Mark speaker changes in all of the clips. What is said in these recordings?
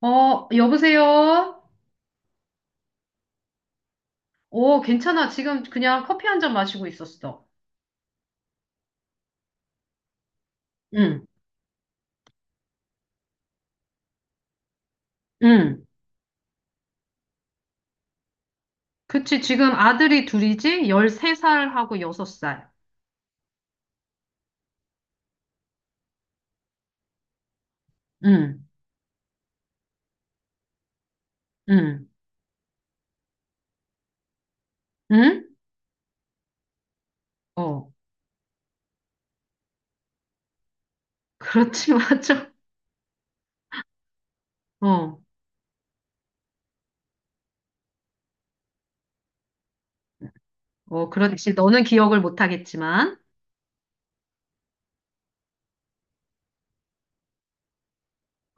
Speaker 1: 어, 여보세요? 오, 괜찮아. 지금 그냥 커피 한잔 마시고 있었어. 응, 응. 그치. 지금 아들이 둘이지? 13살하고 6살. 응, 응, 응? 어, 그렇지, 맞아. 어, 어, 그렇지. 너는 기억을 못 하겠지만.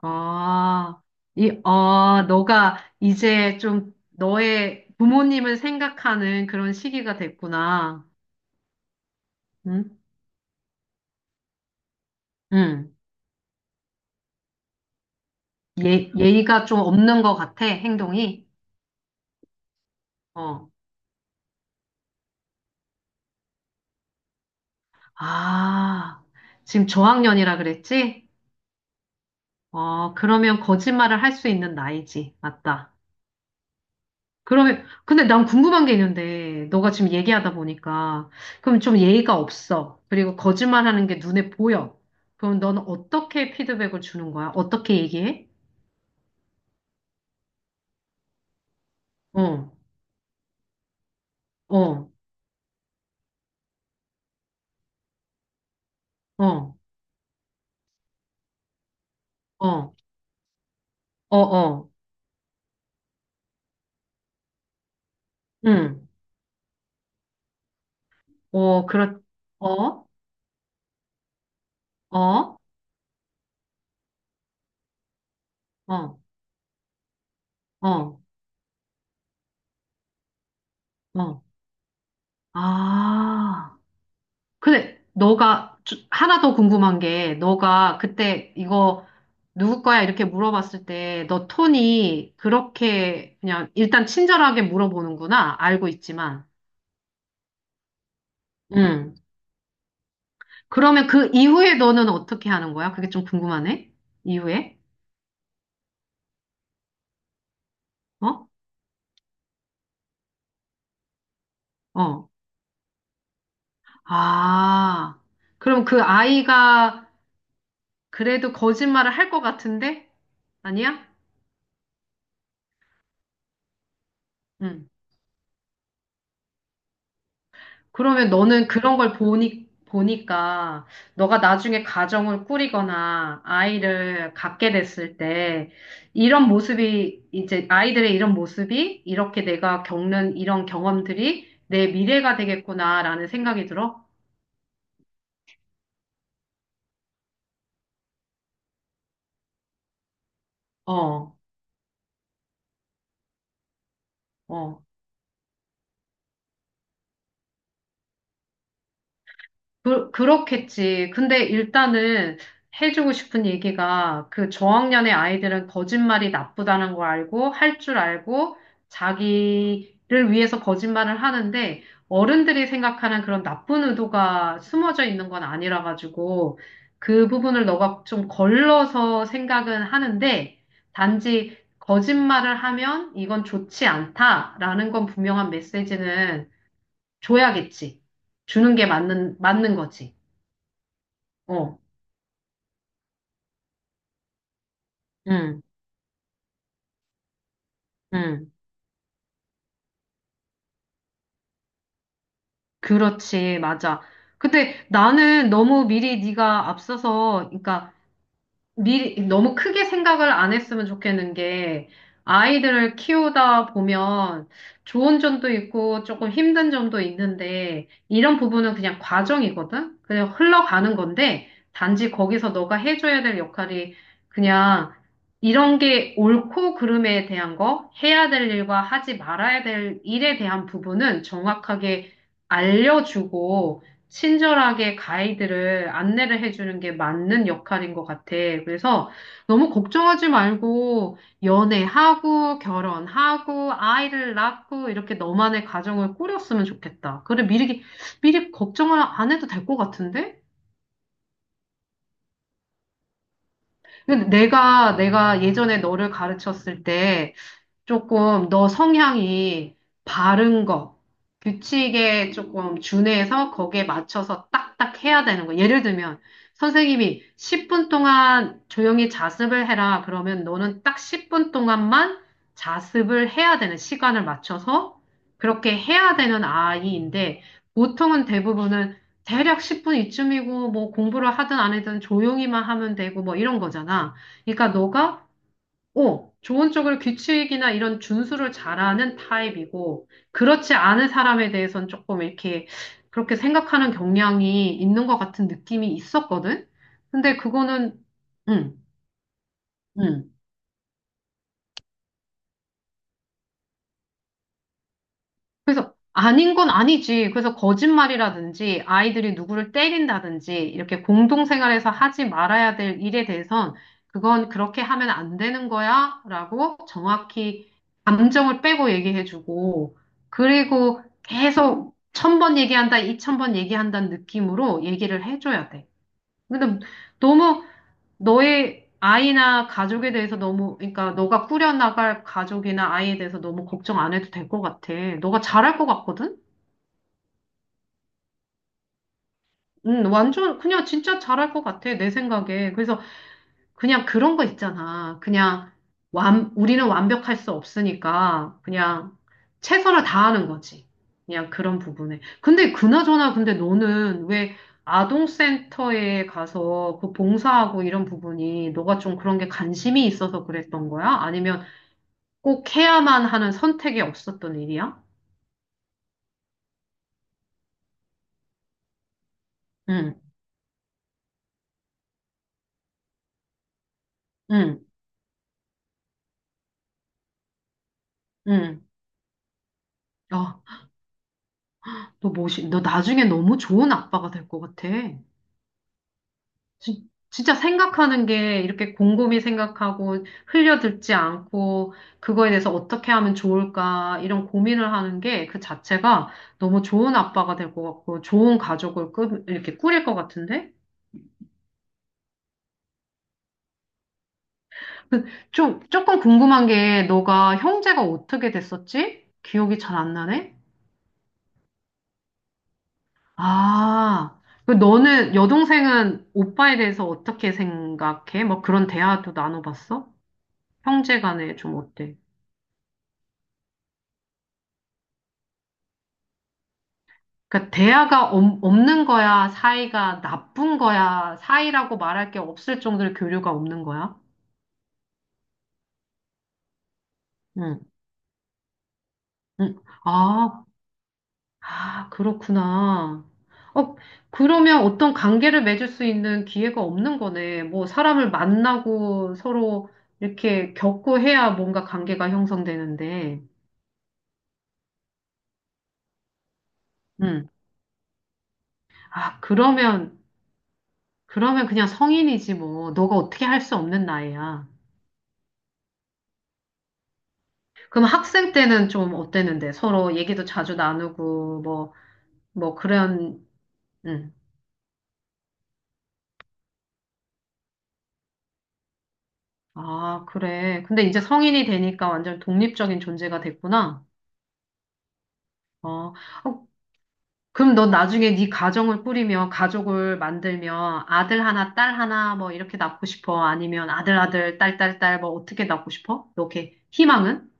Speaker 1: 아, 너가 이제 좀 너의 부모님을 생각하는 그런 시기가 됐구나. 응? 응. 예, 예의가 좀 없는 것 같아, 행동이. 어, 아, 지금 저학년이라 그랬지? 어, 그러면 거짓말을 할 수 있는 나이지. 맞다. 그러면, 근데 난 궁금한 게 있는데, 너가 지금 얘기하다 보니까, 그럼 좀 예의가 없어. 그리고 거짓말하는 게 눈에 보여. 그럼 너는 어떻게 피드백을 주는 거야? 어떻게 얘기해? 어, 어, 어, 어, 어, 어, 응, 어, 어, 어, 어, 어, 어, 아. 근데 너가 하나 더 궁금한 게 너가 그때 이거 누구 거야? 이렇게 물어봤을 때 너 톤이 그렇게 그냥 일단 친절하게 물어보는구나. 알고 있지만. 응. 그러면 그 이후에 너는 어떻게 하는 거야? 그게 좀 궁금하네. 이후에? 어? 어. 아. 그럼 그 아이가 그래도 거짓말을 할 것 같은데? 아니야? 응. 그러면 너는 그런 걸 보니까 너가 나중에 가정을 꾸리거나 아이를 갖게 됐을 때 이런 모습이 이제 아이들의 이런 모습이 이렇게 내가 겪는 이런 경험들이 내 미래가 되겠구나라는 생각이 들어. 어, 어. 그렇겠지. 근데 일단은 해주고 싶은 얘기가 그 저학년의 아이들은 거짓말이 나쁘다는 걸 알고 할 줄 알고 자기를 위해서 거짓말을 하는데 어른들이 생각하는 그런 나쁜 의도가 숨어져 있는 건 아니라 가지고 그 부분을 너가 좀 걸러서 생각은 하는데 단지 거짓말을 하면 이건 좋지 않다라는 건 분명한 메시지는 줘야겠지. 주는 게 맞는 거지. 어, 응, 응. 그렇지, 맞아. 근데 나는 너무 미리 네가 앞서서, 그러니까 미리 너무 크게 생각을 안 했으면 좋겠는 게 아이들을 키우다 보면 좋은 점도 있고 조금 힘든 점도 있는데 이런 부분은 그냥 과정이거든? 그냥 흘러가는 건데 단지 거기서 너가 해줘야 될 역할이 그냥 이런 게 옳고 그름에 대한 거, 해야 될 일과 하지 말아야 될 일에 대한 부분은 정확하게 알려주고 친절하게 가이드를 안내를 해주는 게 맞는 역할인 것 같아. 그래서 너무 걱정하지 말고 연애하고 결혼하고 아이를 낳고 이렇게 너만의 가정을 꾸렸으면 좋겠다. 그래 미리 걱정을 안 해도 될 것 같은데? 근데 내가 예전에 너를 가르쳤을 때 조금 너 성향이 바른 거, 규칙에 조금 준해서 거기에 맞춰서 딱딱 해야 되는 거. 예를 들면, 선생님이 10분 동안 조용히 자습을 해라. 그러면 너는 딱 10분 동안만 자습을 해야 되는 시간을 맞춰서 그렇게 해야 되는 아이인데, 보통은 대부분은 대략 10분 이쯤이고, 뭐 공부를 하든 안 하든 조용히만 하면 되고, 뭐 이런 거잖아. 그러니까 너가 어, 좋은 쪽으로 규칙이나 이런 준수를 잘하는 타입이고, 그렇지 않은 사람에 대해서는 조금 이렇게 그렇게 생각하는 경향이 있는 것 같은 느낌이 있었거든? 근데 그거는, 응, 응. 아닌 건 아니지. 그래서 거짓말이라든지 아이들이 누구를 때린다든지 이렇게 공동생활에서 하지 말아야 될 일에 대해선 그건 그렇게 하면 안 되는 거야 라고 정확히 감정을 빼고 얘기해주고 그리고 계속 1000번 얘기한다, 2000번 얘기한다는 느낌으로 얘기를 해줘야 돼. 근데 너무 너의 아이나 가족에 대해서 너무, 그러니까 너가 꾸려나갈 가족이나 아이에 대해서 너무 걱정 안 해도 될 것 같아. 너가 잘할 것 같거든? 완전 그냥 진짜 잘할 것 같아, 내 생각에. 그래서 그냥 그런 거 있잖아. 그냥 우리는 완벽할 수 없으니까 그냥 최선을 다하는 거지. 그냥 그런 부분에. 근데 그나저나 근데 너는 왜 아동센터에 가서 그 봉사하고 이런 부분이 너가 좀 그런 게 관심이 있어서 그랬던 거야? 아니면 꼭 해야만 하는 선택이 없었던 일이야? 응, 응, 응. 아, 너 나중에 너무 좋은 아빠가 될 것 같아. 진짜 생각하는 게 이렇게 곰곰이 생각하고 흘려듣지 않고 그거에 대해서 어떻게 하면 좋을까 이런 고민을 하는 게 그 자체가 너무 좋은 아빠가 될 것 같고 좋은 가족을 이렇게 꾸릴 것 같은데? 그 조금 궁금한 게 너가 형제가 어떻게 됐었지? 기억이 잘 안 나네? 아, 그 너는 여동생은 오빠에 대해서 어떻게 생각해? 뭐 그런 대화도 나눠봤어? 형제 간에 좀 어때? 그러니까 대화가 없는 거야? 사이가 나쁜 거야? 사이라고 말할 게 없을 정도로 교류가 없는 거야? 응, 응. 아, 아, 그렇구나. 어, 그러면 어떤 관계를 맺을 수 있는 기회가 없는 거네. 뭐 사람을 만나고 서로 이렇게 겪고 해야 뭔가 관계가 형성되는데. 응. 아, 그러면 그냥 성인이지 뭐. 너가 어떻게 할 수 없는 나이야. 그럼 학생 때는 좀 어땠는데? 서로 얘기도 자주 나누고, 뭐, 뭐, 그런, 응. 아, 그래. 근데 이제 성인이 되니까 완전 독립적인 존재가 됐구나. 어, 어, 그럼 너 나중에 네 가정을 꾸리며, 가족을 만들며, 아들 하나, 딸 하나, 뭐, 이렇게 낳고 싶어? 아니면 아들, 아들, 딸, 딸, 딸, 뭐, 어떻게 낳고 싶어? 너 이렇게 희망은?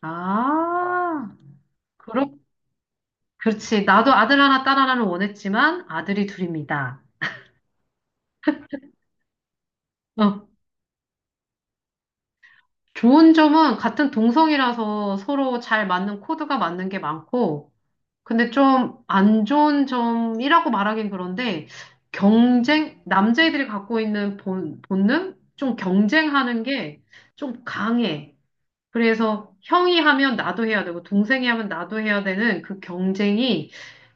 Speaker 1: 아, 그렇, 그렇지. 나도 아들 하나, 딸 하나는 원했지만, 아들이 둘입니다. 어. 좋은 점은 같은 동성이라서 서로 잘 맞는 코드가 맞는 게 많고, 근데 좀 안 좋은 점이라고 말하긴 그런데, 경쟁, 남자애들이 갖고 있는 본능? 좀 경쟁하는 게 좀 강해. 그래서 형이 하면 나도 해야 되고, 동생이 하면 나도 해야 되는 그 경쟁이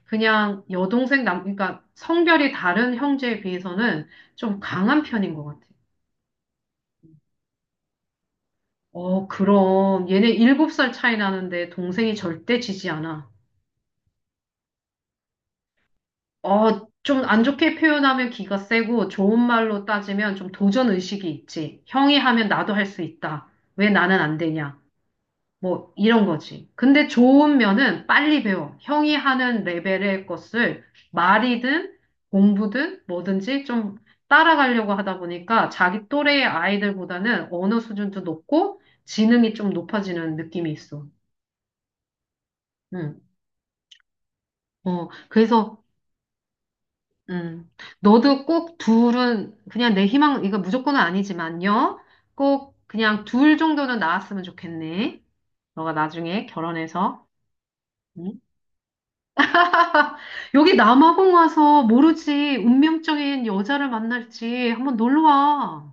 Speaker 1: 그냥 여동생, 그러니까 성별이 다른 형제에 비해서는 좀 강한 편인 것 같아요. 어, 그럼. 얘네 7살 차이 나는데 동생이 절대 지지 않아. 어, 좀 안 좋게 표현하면 기가 세고 좋은 말로 따지면 좀 도전 의식이 있지. 형이 하면 나도 할 수 있다. 왜 나는 안 되냐. 뭐 이런 거지. 근데 좋은 면은 빨리 배워. 형이 하는 레벨의 것을 말이든 공부든 뭐든지 좀 따라가려고 하다 보니까 자기 또래의 아이들보다는 언어 수준도 높고 지능이 좀 높아지는 느낌이 있어. 응. 어, 그래서, 음, 너도 꼭 둘은, 그냥 내 희망, 이거 무조건은 아니지만요. 꼭 그냥 둘 정도는 나왔으면 좋겠네. 너가 나중에 결혼해서. 응? 여기 남아공 와서 모르지, 운명적인 여자를 만날지 한번 놀러 와.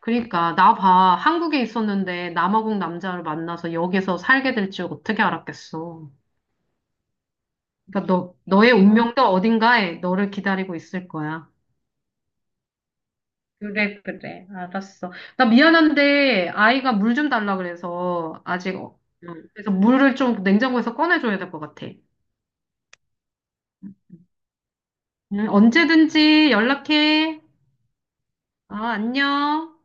Speaker 1: 그러니까, 나 봐. 한국에 있었는데 남아공 남자를 만나서 여기서 살게 될 줄 어떻게 알았겠어. 그러니까 너의 운명도 어딘가에 너를 기다리고 있을 거야. 그래, 그래. 알았어. 나 미안한데, 아이가 물 좀 달라 그래서, 아직, 그래서 물을 좀 냉장고에서 꺼내줘야 될 것 같아. 언제든지 연락해. 아, 안녕.